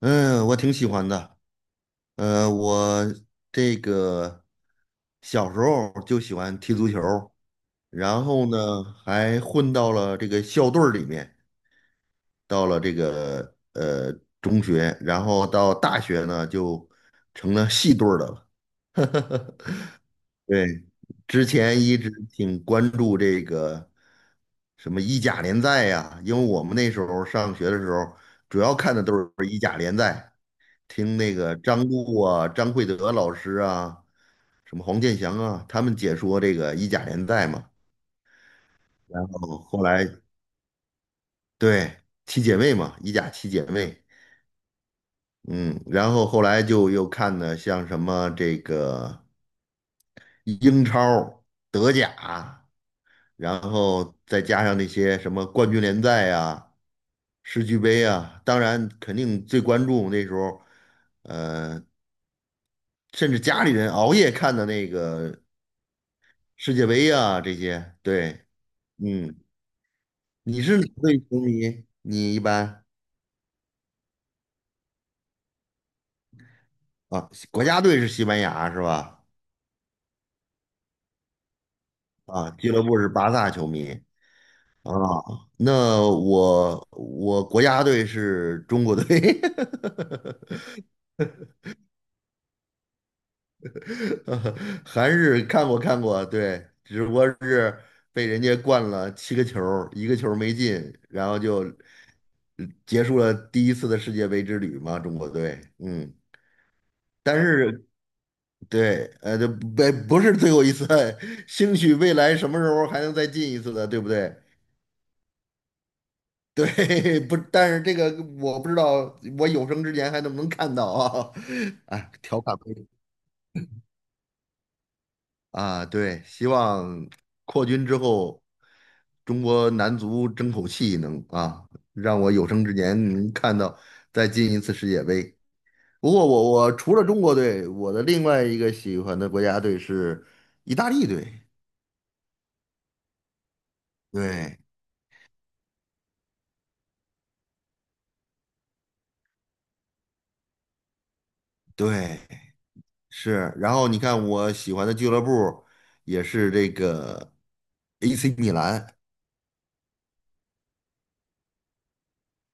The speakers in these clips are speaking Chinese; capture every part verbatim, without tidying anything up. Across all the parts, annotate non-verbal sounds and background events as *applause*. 嗯，我挺喜欢的。呃，我这个小时候就喜欢踢足球，然后呢，还混到了这个校队儿里面，到了这个呃中学，然后到大学呢，就成了系队儿的了。*laughs* 对，之前一直挺关注这个什么意甲联赛呀，因为我们那时候上学的时候，主要看的都是意甲联赛。听那个张璐啊、张惠德老师啊，什么黄健翔啊，他们解说这个意甲联赛嘛。然后后来对七姐妹嘛，意甲七姐妹，嗯，然后后来就又看的像什么这个英超、德甲，然后再加上那些什么冠军联赛啊、世俱杯啊，当然肯定最关注那时候，呃，甚至家里人熬夜看的那个世界杯呀、这些，对，嗯，你是哪队球迷？你一般啊，国家队是西班牙是吧？啊，俱乐部是巴萨球迷啊。那我我国家队是中国队，*laughs* 韩日看过看过，对，只不过是被人家灌了七个球儿一个球儿没进，然后就结束了第一次的世界杯之旅嘛，中国队，嗯。但是对，呃，这不不是最后一次，*laughs* 兴许未来什么时候还能再进一次的，对不对？对，*laughs* 不，但是这个我不知道，我有生之年还能不能看到啊？*laughs* 哎，调侃为啊，对，希望扩军之后，中国男足争口气能啊，让我有生之年能看到再进一次世界杯。不过我我除了中国队，我的另外一个喜欢的国家队是意大利队。对对，是，然后你看我喜欢的俱乐部也是这个 A C 米兰，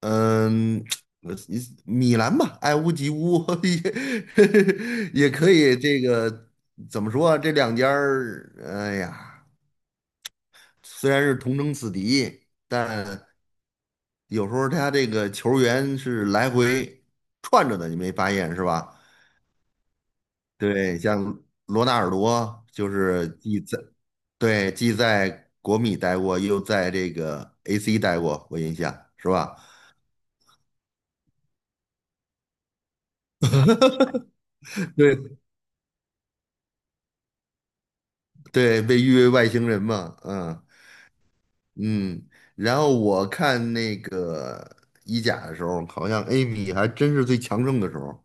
嗯，*tsk* 呃米兰吧，爱屋及乌 *laughs* 也也可以。这个怎么说啊？这两家儿，哎呀，虽然是同城死敌，但有时候他这个球员是来回串着的，你没发现是吧？对，像罗纳尔多就是既在对既在国米待过，又在这个 A C 待过，我印象是吧？*laughs* 对对，被誉为外星人嘛，嗯嗯。然后我看那个意甲的时候，好像 A 米还真是最强盛的时候。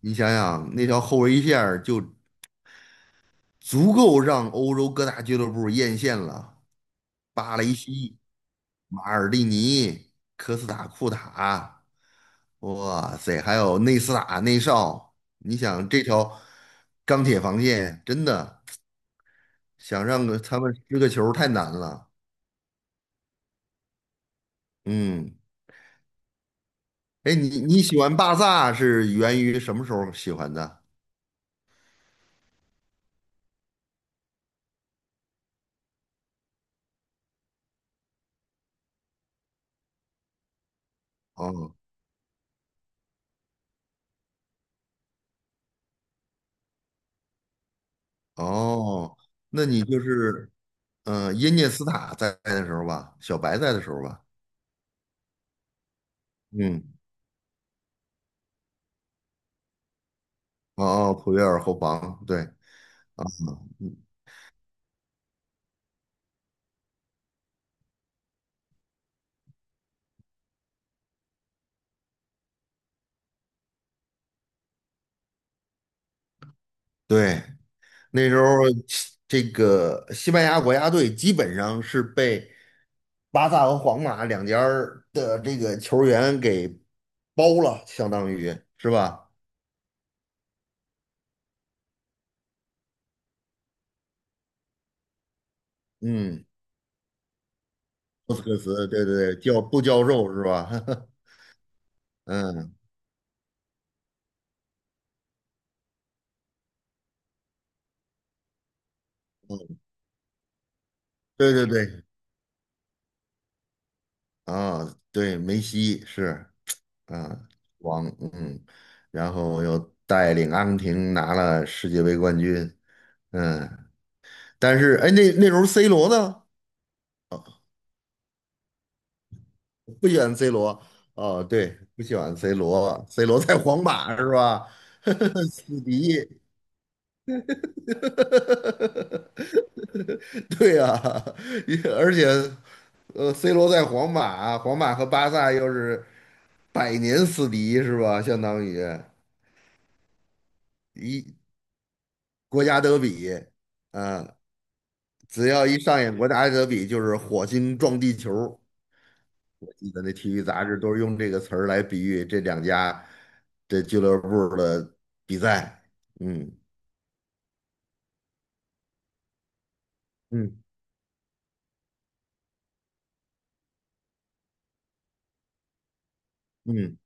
你想想，那条后卫线儿就足够让欧洲各大俱乐部艳羡了。巴雷西、马尔蒂尼、科斯塔库塔，哇塞，还有内斯塔、内绍。你想这条钢铁防线，真的想让个他们失个球太难了。嗯，哎，你你喜欢巴萨是源于什么时候喜欢的？哦哦，那你就是嗯、呃耶涅斯塔在的时候吧，小白在的时候吧。嗯，哦哦，普约尔后防，对啊，嗯对。那时候这个西班牙国家队基本上是被巴萨和皇马两家儿的这个球员给包了，相当于是吧？嗯，托斯克茨，对对对，教布教授是吧？*laughs* 嗯，对对对，啊，对，梅西是啊，王，嗯，然后又带领阿根廷拿了世界杯冠军，嗯，但是哎，那那时候 C 罗呢？不喜欢 C 罗，哦，对，不喜欢 C 罗，C 罗在皇马是吧？*laughs* 死敌，*laughs* 对呀、啊，而且，呃，C 罗在皇马，皇马和巴萨又是百年死敌是吧？相当于一国家德比，啊，只要一上演国家德比，就是火星撞地球。我记得那体育杂志都是用这个词儿来比喻这两家。这俱乐部的比赛，嗯嗯嗯，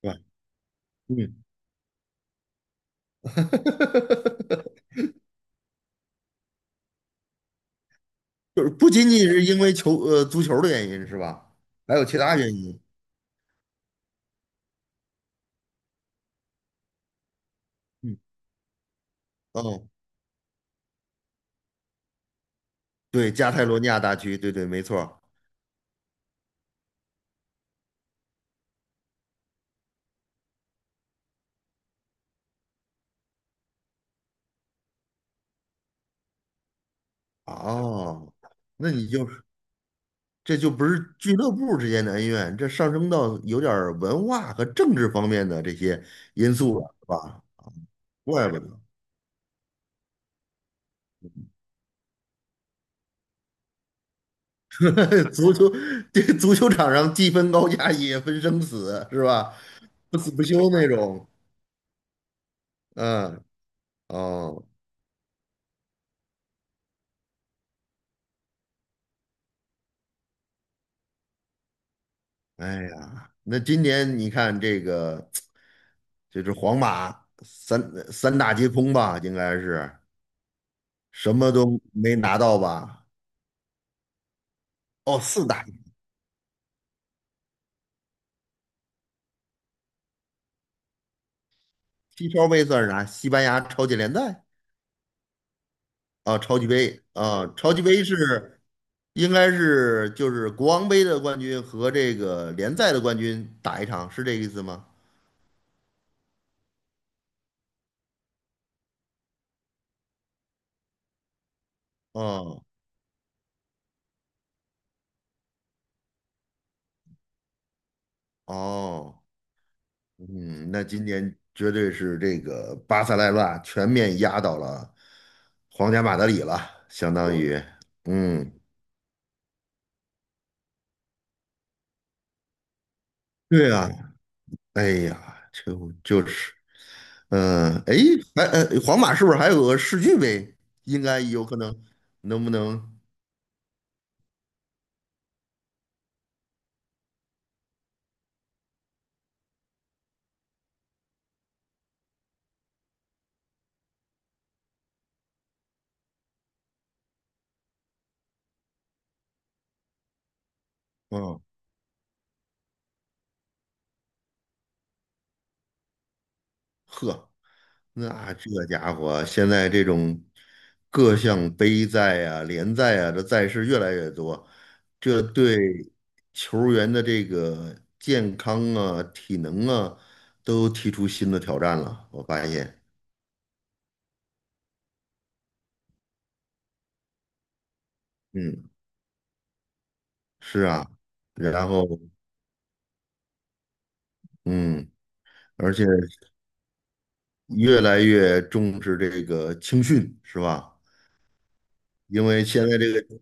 对吧？嗯，*laughs* 就是不仅仅是因为球呃足球的原因是吧？还有其他原因。嗯哦，对，加泰罗尼亚大区，对对，没错儿哦，那你就这就不是俱乐部之间的恩怨，这上升到有点儿文化和政治方面的这些因素了，是吧？怪不得 *laughs* 足球这足球场上既分高下也分生死，是吧？不死不休那种。嗯，哦，哎呀，那今年你看这个，就是皇马三三大皆空吧，应该是什么都没拿到吧？哦，四大，西超杯算是啥？西班牙超级联赛啊，超级杯啊，超级杯是应该是就是国王杯的冠军和这个联赛的冠军打一场，是这个意思吗？哦哦。嗯，那今年绝对是这个巴塞莱纳全面压倒了皇家马德里了，相当对于，嗯，对啊，哎呀，就就是，嗯、哎，还、呃，皇马是不是还有个世俱杯？应该有可能，能不能？嗯，呵。那这家伙现在这种各项杯赛啊、联赛啊，这赛事越来越多，这对球员的这个健康啊、体能啊，都提出新的挑战了。我发现，嗯，是啊，然后嗯，而且越来越重视这个青训，是吧？因为现在这个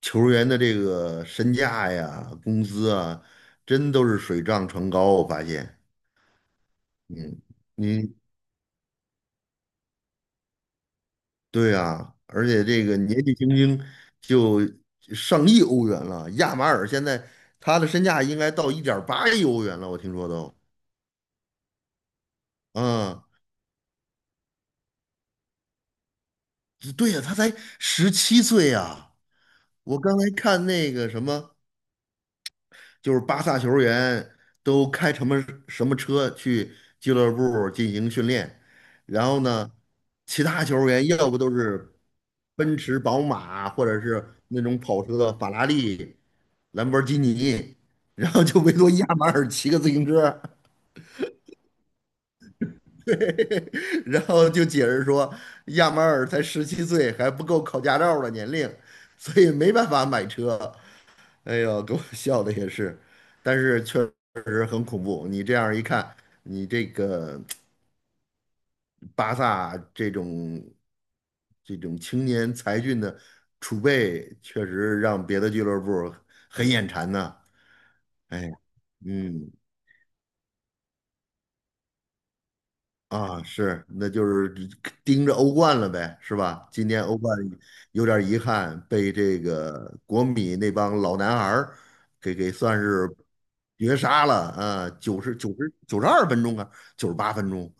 球员的这个身价呀、工资啊，真都是水涨船高。我发现，嗯，你对啊，而且这个年纪轻轻就上亿欧元了。亚马尔现在他的身价应该到一点八亿欧元了，我听说都。嗯，对呀，他才十七岁呀。我刚才看那个什么，就是巴萨球员都开什么什么车去俱乐部进行训练，然后呢，其他球员要不都是奔驰、宝马，或者是那种跑车，法拉利、兰博基尼，然后就唯独亚马尔骑个自行车，*laughs* 然后就解释说亚马尔才十七岁，还不够考驾照的年龄，所以没办法买车。哎呦，给我笑的也是，但是确实很恐怖。你这样一看，你这个巴萨这种这种青年才俊的储备，确实让别的俱乐部很眼馋呢。哎，嗯。啊，是，那就是盯着欧冠了呗，是吧？今年欧冠有点遗憾，被这个国米那帮老男孩儿给给算是绝杀了啊！九十九十九十二分钟啊，九十八分钟。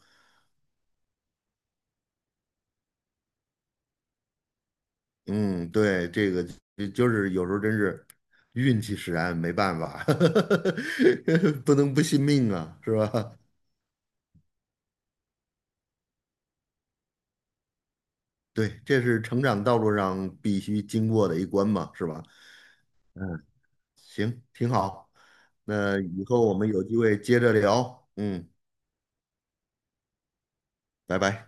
嗯，对，这个就就是有时候真是运气使然，没办法，*laughs* 不能不信命啊，是吧？对，这是成长道路上必须经过的一关嘛，是吧？嗯行，挺好。那以后我们有机会接着聊。嗯，拜拜。